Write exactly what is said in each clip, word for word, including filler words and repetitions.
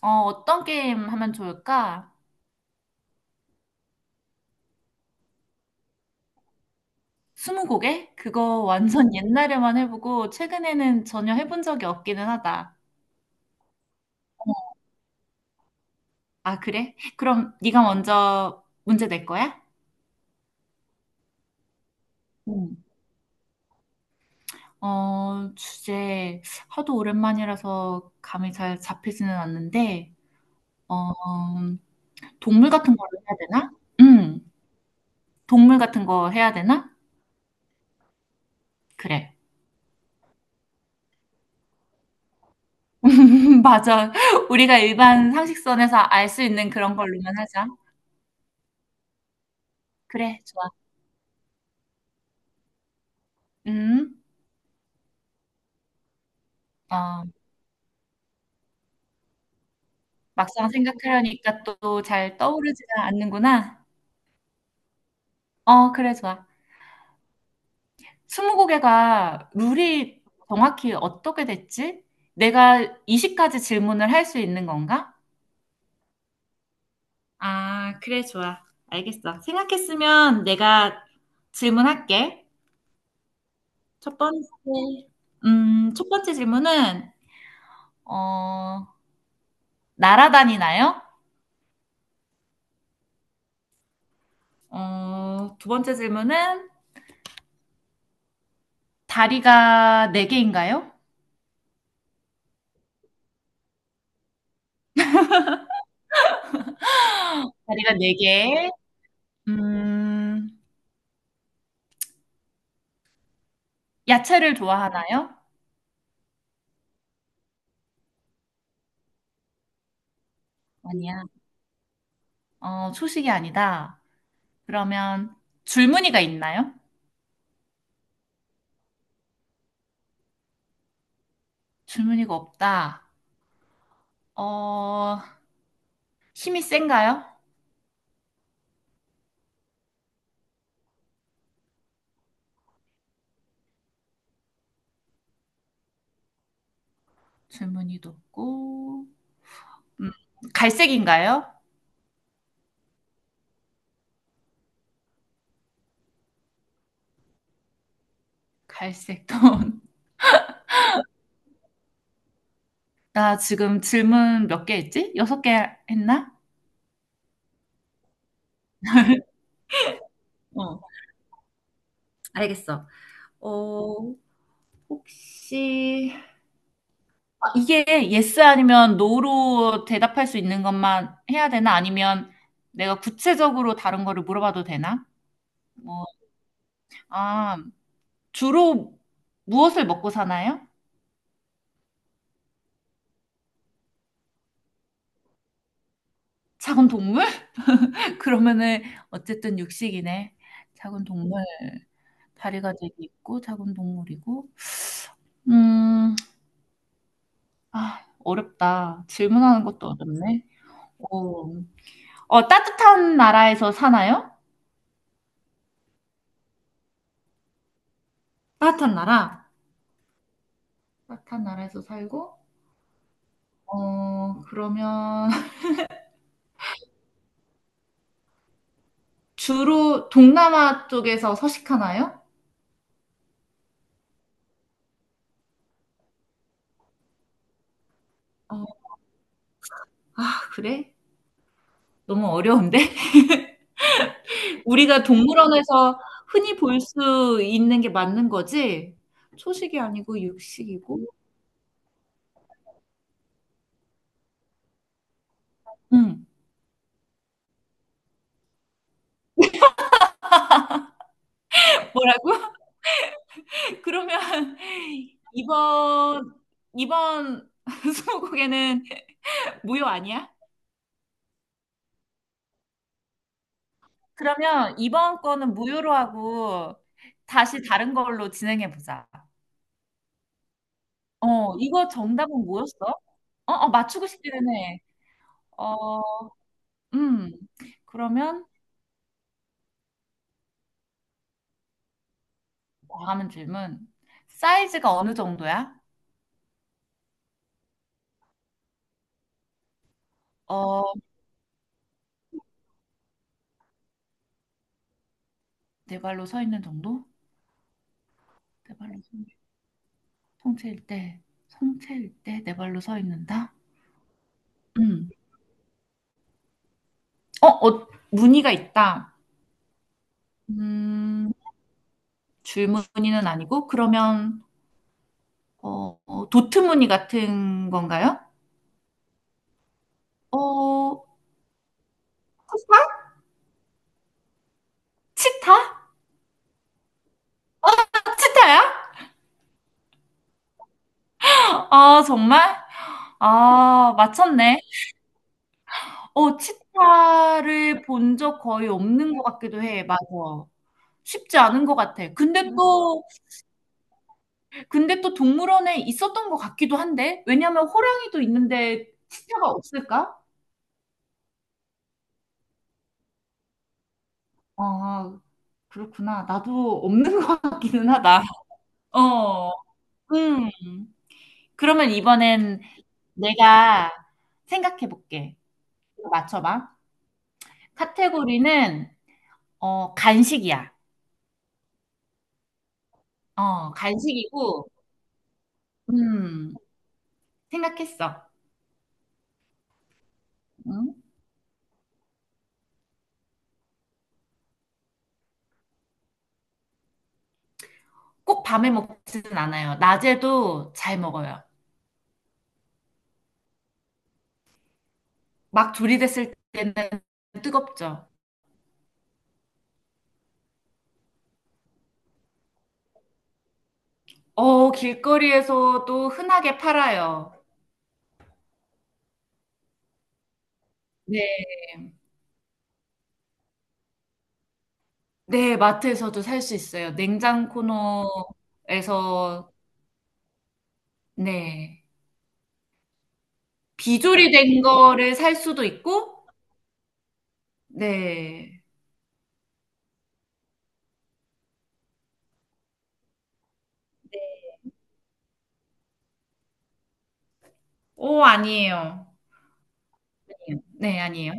어, 어떤 게임 하면 좋을까? 스무고개? 그거 완전 음. 옛날에만 해보고 최근에는 전혀 해본 적이 없기는 하다. 아, 그래? 그럼 네가 먼저 문제 낼 거야? 응. 어, 주제 하도 오랜만이라서 감이 잘 잡히지는 않는데, 어, 동물 같은 걸 해야 되나? 응, 동물 같은 거 해야 되나? 그래. 맞아. 우리가 일반 상식선에서 알 수 있는 그런 걸로만 하자. 그래, 좋아. 음. 어, 막상 생각하려니까 또 잘 떠오르지가 않는구나. 어, 그래, 좋아. 스무고개가 룰이 정확히 어떻게 됐지? 내가 스무 가지 질문을 할 수 있는 건가? 아, 그래, 좋아. 알겠어. 생각했으면 내가 질문할게. 첫 번째, 음, 첫 번째 질문은, 어, 날아다니나요? 어, 두 번째 질문은 다리가 네개인가요? 다리가 네개. 음, 야채를 좋아하나요? 아니야. 어, 초식이 아니다. 그러면 줄무늬가 있나요? 줄무늬가 없다. 어, 힘이 센가요? 줄무늬도 없고. 음, 갈색인가요? 갈색도. 나 지금 질문 몇 개 했지? 여섯 개 했나? 어. 알겠어. 어, 혹시 이게 yes 아니면 no로 대답할 수 있는 것만 해야 되나? 아니면 내가 구체적으로 다른 거를 물어봐도 되나? 뭐, 아, 주로 무엇을 먹고 사나요? 작은 동물? 그러면은 어쨌든 육식이네. 작은 동물. 다리가 되게 있고 작은 동물이고. 음, 아, 어렵다. 질문하는 것도 어렵네. 어, 어, 따뜻한 나라에서 사나요? 따뜻한 나라. 따뜻한 나라에서 살고, 어, 그러면 주로 동남아 쪽에서 서식하나요? 어, 그래? 너무 어려운데? 우리가 동물원에서 흔히 볼 수 있는 게 맞는 거지? 초식이 아니고 육식이고? 응. 뭐라고? 그러면 이번, 이번 스무고개는 무효 아니야? 그러면 이번 거는 무효로 하고 다시 다른 걸로 진행해 보자. 어, 이거 정답은 뭐였어? 어, 어, 맞추고 싶기는 해. 어, 음, 그러면 다음 질문. 사이즈가 어느 정도야? 어, 네 발로 서 있는 정도? 네 발로 서 있는 성체일 때, 성체일 때 네 발로 서 있는다? 음. 어, 어, 무늬가 있다. 음, 줄 무늬는 아니고, 그러면, 어, 어, 도트 무늬 같은 건가요? 어, 치타? 치타? 치타야? 아, 정말? 아, 맞췄네. 어, 치타를 본 적 거의 없는 것 같기도 해. 맞아. 쉽지 않은 것 같아. 근데 또, 근데 또 동물원에 있었던 것 같기도 한데? 왜냐면 호랑이도 있는데 치타가 없을까? 아, 그렇구나. 나도 없는 것 같기는 하다. 어, 음. 그러면 이번엔 내가 생각해 볼게. 맞춰봐. 카테고리는, 어, 간식이야. 어, 간식이고, 음, 생각했어. 응? 꼭 밤에 먹지는 않아요. 낮에도 잘 먹어요. 막 조리됐을 때는 뜨겁죠. 어, 길거리에서도 흔하게 팔아요. 네, 네, 마트에서도 살 수 있어요. 냉장 코너에서, 네. 비조리된 거를 살 수도 있고, 네. 오, 아니에요. 네, 아니에요.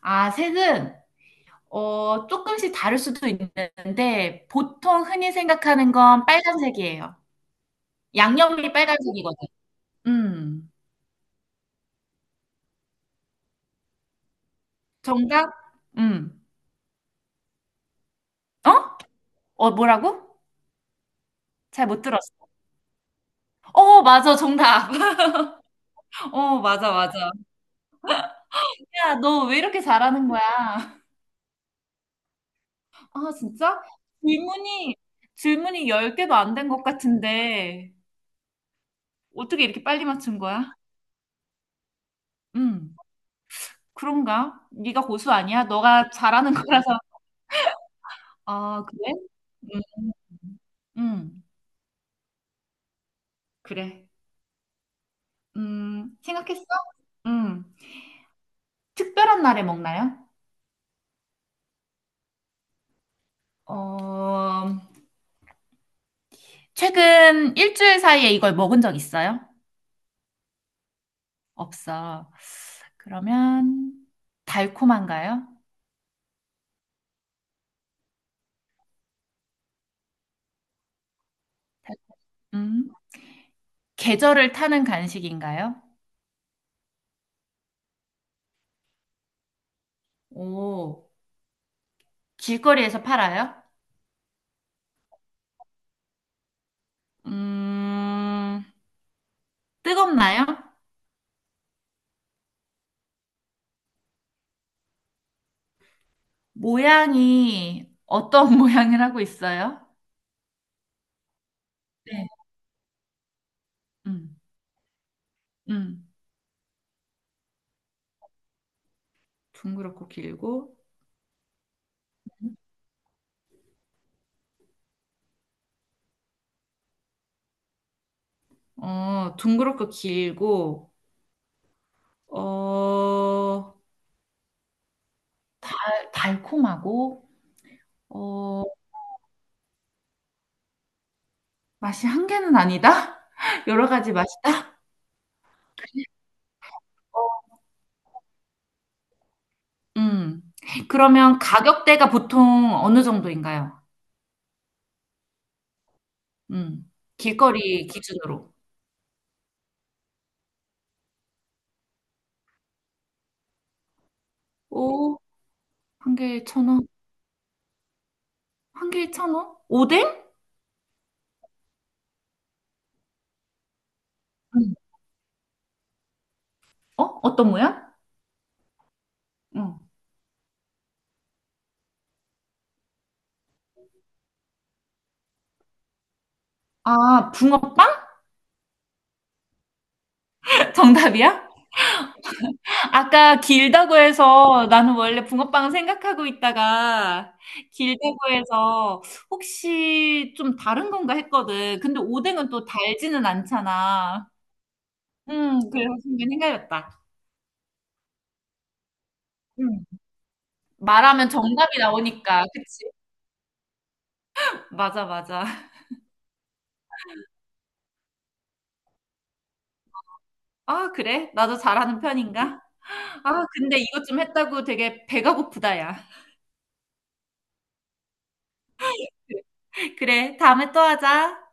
아, 색은, 어, 조금씩 다를 수도 있는데, 보통 흔히 생각하는 건 빨간색이에요. 양념이 빨간색이거든. 음. 정답? 음. 어? 어, 뭐라고? 잘 못 들었어. 어, 맞아, 정답. 어, 맞아, 맞아. 야, 너 왜 이렇게 잘하는 거야? 아, 진짜? 질문이, 질문이 열 개도 안 된 것 같은데, 어떻게 이렇게 빨리 맞춘 거야? 음. 그런가? 네가 고수 아니야? 너가 잘하는 거라서. 아, 그래? 음, 음. 그래. 음, 생각했어? 음. 특별한 날에 먹나요? 어, 최근 일주일 사이에 이걸 먹은 적 있어요? 없어. 그러면 달콤한가요? 음. 계절을 타는 간식인가요? 오, 길거리에서 팔아요? 음, 뜨겁나요? 모양이 어떤 모양을 하고 있어요? 네. 음, 음. 둥그렇고 길고, 어, 둥그렇고 길고, 어, 달콤하고, 어, 맛이 한 개는 아니다? 여러 가지 맛이다? 음. 그러면 가격대가 보통 어느 정도인가요? 음. 길거리 기준으로. 오, 한 개에 천 원. 한 개에 천 원 오뎅? 음. 어? 어떤 모양? 음. 아, 붕어빵? 정답이야? 아까 길다고 해서 나는 원래 붕어빵 생각하고 있다가 길다고 해서 혹시 좀 다른 건가 했거든. 근데 오뎅은 또 달지는 않잖아. 음, 그래 순간 헷갈렸다. 음. 말하면 정답이 나오니까, 그치? 맞아, 맞아. 아, 그래? 나도 잘하는 편인가? 아, 근데 이것 좀 했다고 되게 배가 고프다, 야. 그래, 다음에 또 하자.